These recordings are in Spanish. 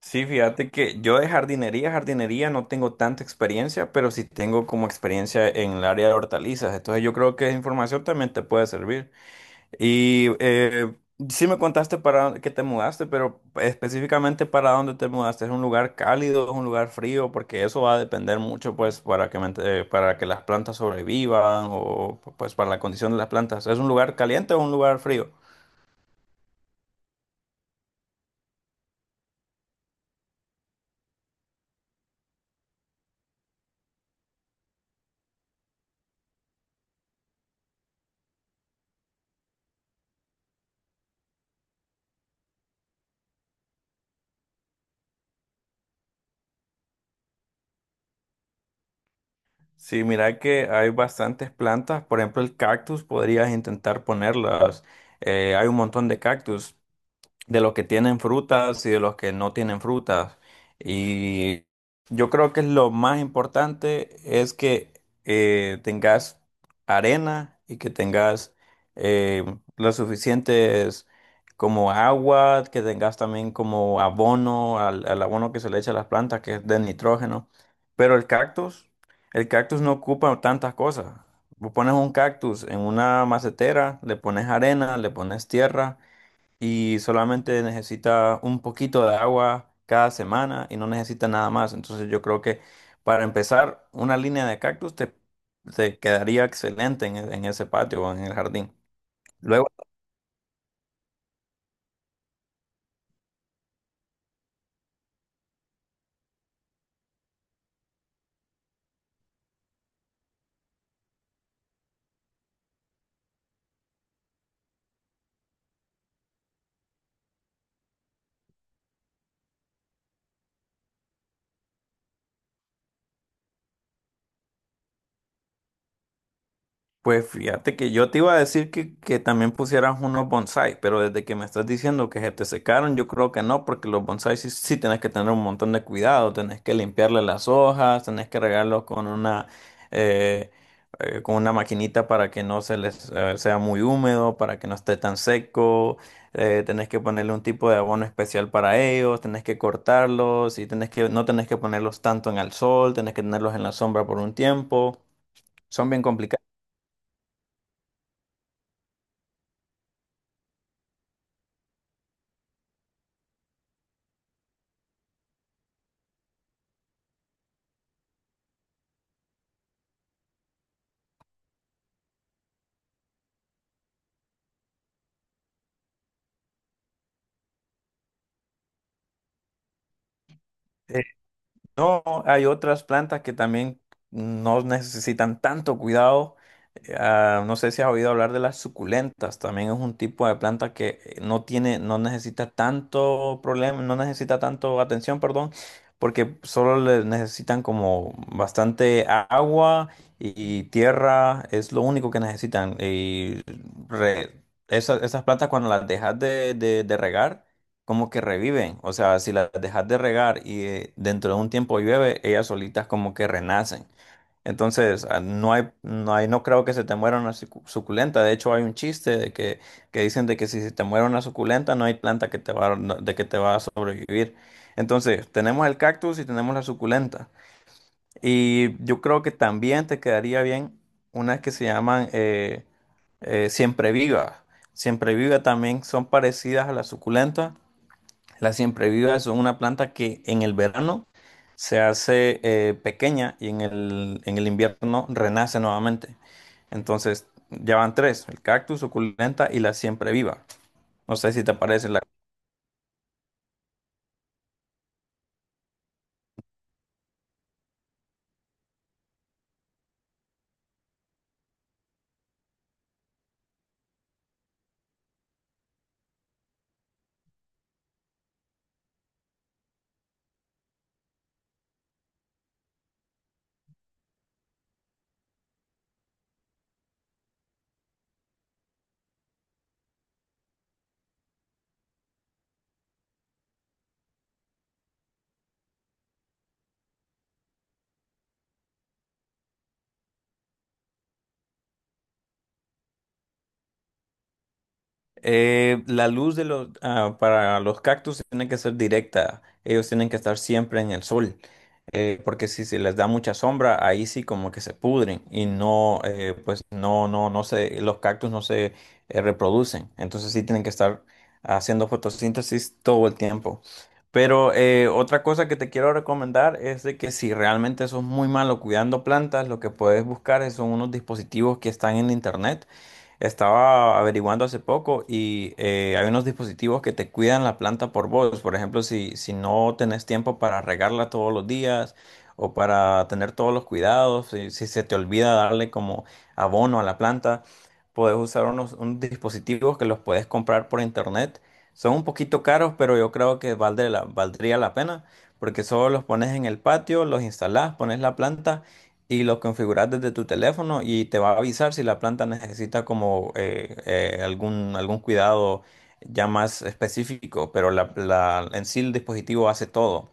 Sí, fíjate que yo de jardinería no tengo tanta experiencia, pero sí tengo como experiencia en el área de hortalizas. Entonces yo creo que esa información también te puede servir. Y eh, sí me contaste para que te mudaste, pero específicamente para dónde te mudaste. ¿Es un lugar cálido, es un lugar frío? Porque eso va a depender mucho, pues, para que para que las plantas sobrevivan o pues para la condición de las plantas. ¿Es un lugar caliente o un lugar frío? Sí, mira que hay bastantes plantas, por ejemplo el cactus, podrías intentar ponerlas. Hay un montón de cactus de los que tienen frutas y de los que no tienen frutas. Y yo creo que lo más importante es que tengas arena y que tengas eh, las suficientes como agua, que tengas también como abono, al abono que se le echa a las plantas, que es de nitrógeno. Pero el cactus no ocupa tantas cosas. Vos pones un cactus en una macetera, le pones arena, le pones tierra y solamente necesita un poquito de agua cada semana y no necesita nada más. Entonces yo creo que para empezar, una línea de te quedaría excelente en, en ese patio o en el jardín. Luego pues fíjate que yo te iba a decir que también pusieras unos bonsai, pero desde que me estás diciendo que se te secaron, yo creo que no, porque los bonsai sí tenés que tener un montón de cuidado, tenés que limpiarle las hojas, tenés que regarlos eh, con una maquinita para que no se les sea muy húmedo, para que no esté tan seco, tenés que ponerle un tipo de abono especial para ellos, tenés que cortarlos y tenés que no tenés que ponerlos tanto en el sol, tenés que tenerlos en la sombra por un tiempo, son bien complicados. No, hay otras plantas que también no necesitan tanto cuidado. No sé si has oído hablar de las suculentas. También es un tipo de planta que no tiene, no necesita tanto problema, no necesita tanto atención, perdón, porque solo le necesitan como bastante agua y tierra. Es lo único que necesitan. Y re- esas plantas cuando las dejas de regar como que reviven. O sea, si las dejas de regar y dentro de un tiempo llueve, ellas solitas como que renacen. Entonces, no hay, no creo que se te muera una suculenta. De hecho, hay un chiste que dicen de que si se te muere una suculenta, no hay planta que te va, a- no- de que te va a sobrevivir. Entonces, tenemos el cactus y tenemos la suculenta. Y yo creo que también te quedaría bien unas que se llaman siempre viva. Siempre viva también son parecidas a la suculenta, las siemprevivas son una planta que en el verano se hace pequeña y en en el invierno renace nuevamente. Entonces, ya van tres, el cactus, suculenta y la siempreviva. No sé si te parece la. La luz de para los cactus tiene que ser directa. Ellos tienen que estar siempre en el sol. Porque si se les da mucha sombra, ahí sí como que se pudren y no se, los cactus no se reproducen. Entonces sí tienen que estar haciendo fotosíntesis todo el tiempo. Pero otra cosa que te quiero recomendar es de que si realmente sos muy malo cuidando plantas, lo que puedes buscar son unos dispositivos que están en internet. Estaba averiguando hace poco y hay unos dispositivos que te cuidan la planta por vos. Por ejemplo, si no tenés tiempo para regarla todos los días o para tener todos los cuidados, si se te olvida darle como abono a la planta, podés usar unos dispositivos que los puedes comprar por internet. Son un poquito caros, pero yo creo que valdría valdría la pena porque solo los pones en el patio, los instalás, pones la planta y los configuras desde tu teléfono y te va a avisar si la planta necesita como algún cuidado ya más específico, pero en sí el dispositivo hace todo.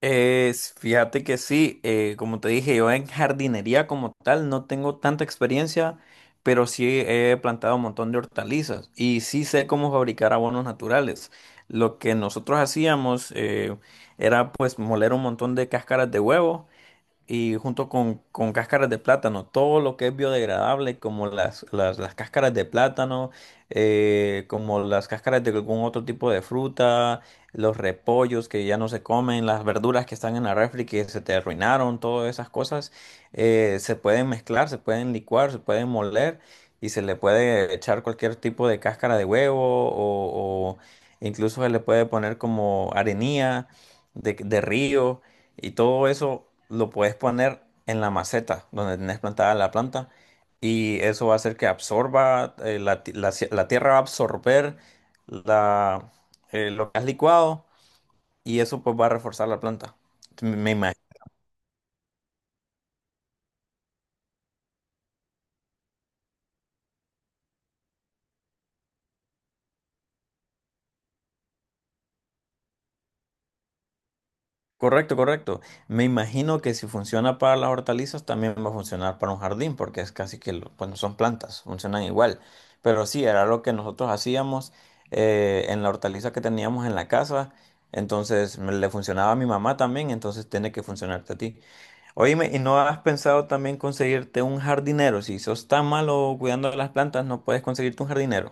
Fíjate que sí, como te dije, yo en jardinería como tal no tengo tanta experiencia, pero sí he plantado un montón de hortalizas y sí sé cómo fabricar abonos naturales. Lo que nosotros hacíamos era pues moler un montón de cáscaras de huevo y junto con cáscaras de plátano, todo lo que es biodegradable, como las cáscaras de plátano, como las cáscaras de algún otro tipo de fruta, los repollos que ya no se comen, las verduras que están en la refri que se te arruinaron, todas esas cosas, se pueden mezclar, se pueden licuar, se pueden moler y se le puede echar cualquier tipo de cáscara de huevo o incluso se le puede poner como arenilla de río. Y todo eso lo puedes poner en la maceta donde tenés plantada la planta y eso va a hacer que absorba, la tierra va a absorber la, lo que has licuado y eso pues va a reforzar la planta. Me me Correcto, correcto. Me imagino que si funciona para las hortalizas, también va a funcionar para un jardín, porque es casi que, bueno, son plantas, funcionan igual. Pero sí, era lo que nosotros hacíamos en la hortaliza que teníamos en la casa. Le funcionaba a mi mamá también, entonces tiene que funcionarte a ti. Oíme, ¿y no has pensado también conseguirte un jardinero? Si sos tan malo cuidando de las plantas, no puedes conseguirte un jardinero.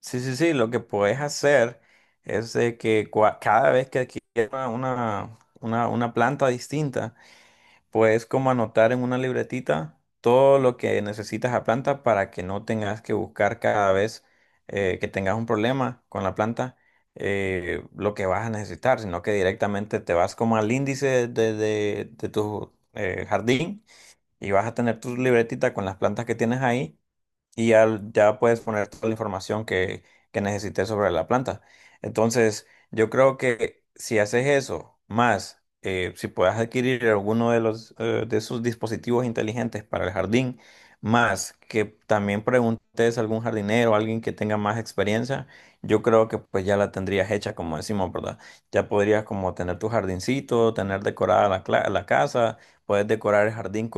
Sí, sí, sí, lo que puedes hacer es de que cada vez que adquieras una planta distinta, puedes como anotar en una libretita todo lo que necesitas a planta para que no tengas que buscar cada vez que tengas un problema con la planta, lo que vas a necesitar, sino que directamente te vas como al índice de tu jardín y vas a tener tu libretita con las plantas que tienes ahí y ya puedes poner toda la información que necesites sobre la planta. Entonces, yo creo que si haces eso, más si puedes adquirir alguno de los de esos dispositivos inteligentes para el jardín, más que también preguntes a algún jardinero, alguien que tenga más experiencia, yo creo que pues ya la tendrías hecha, como decimos, ¿verdad? Ya podrías como tener tu jardincito, tener decorada la casa, puedes decorar el jardín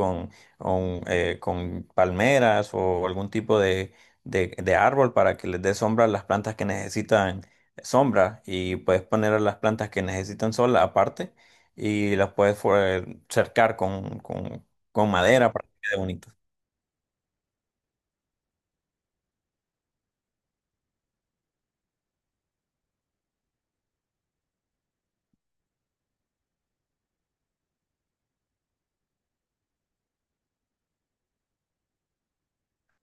con palmeras o algún tipo de árbol para que les dé sombra a las plantas que necesitan sombra y puedes poner a las plantas que necesitan sol aparte y las puedes cercar con madera para que quede bonito.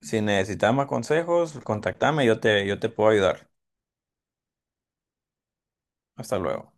Si necesitas más consejos, contactame, yo te puedo ayudar. Hasta luego.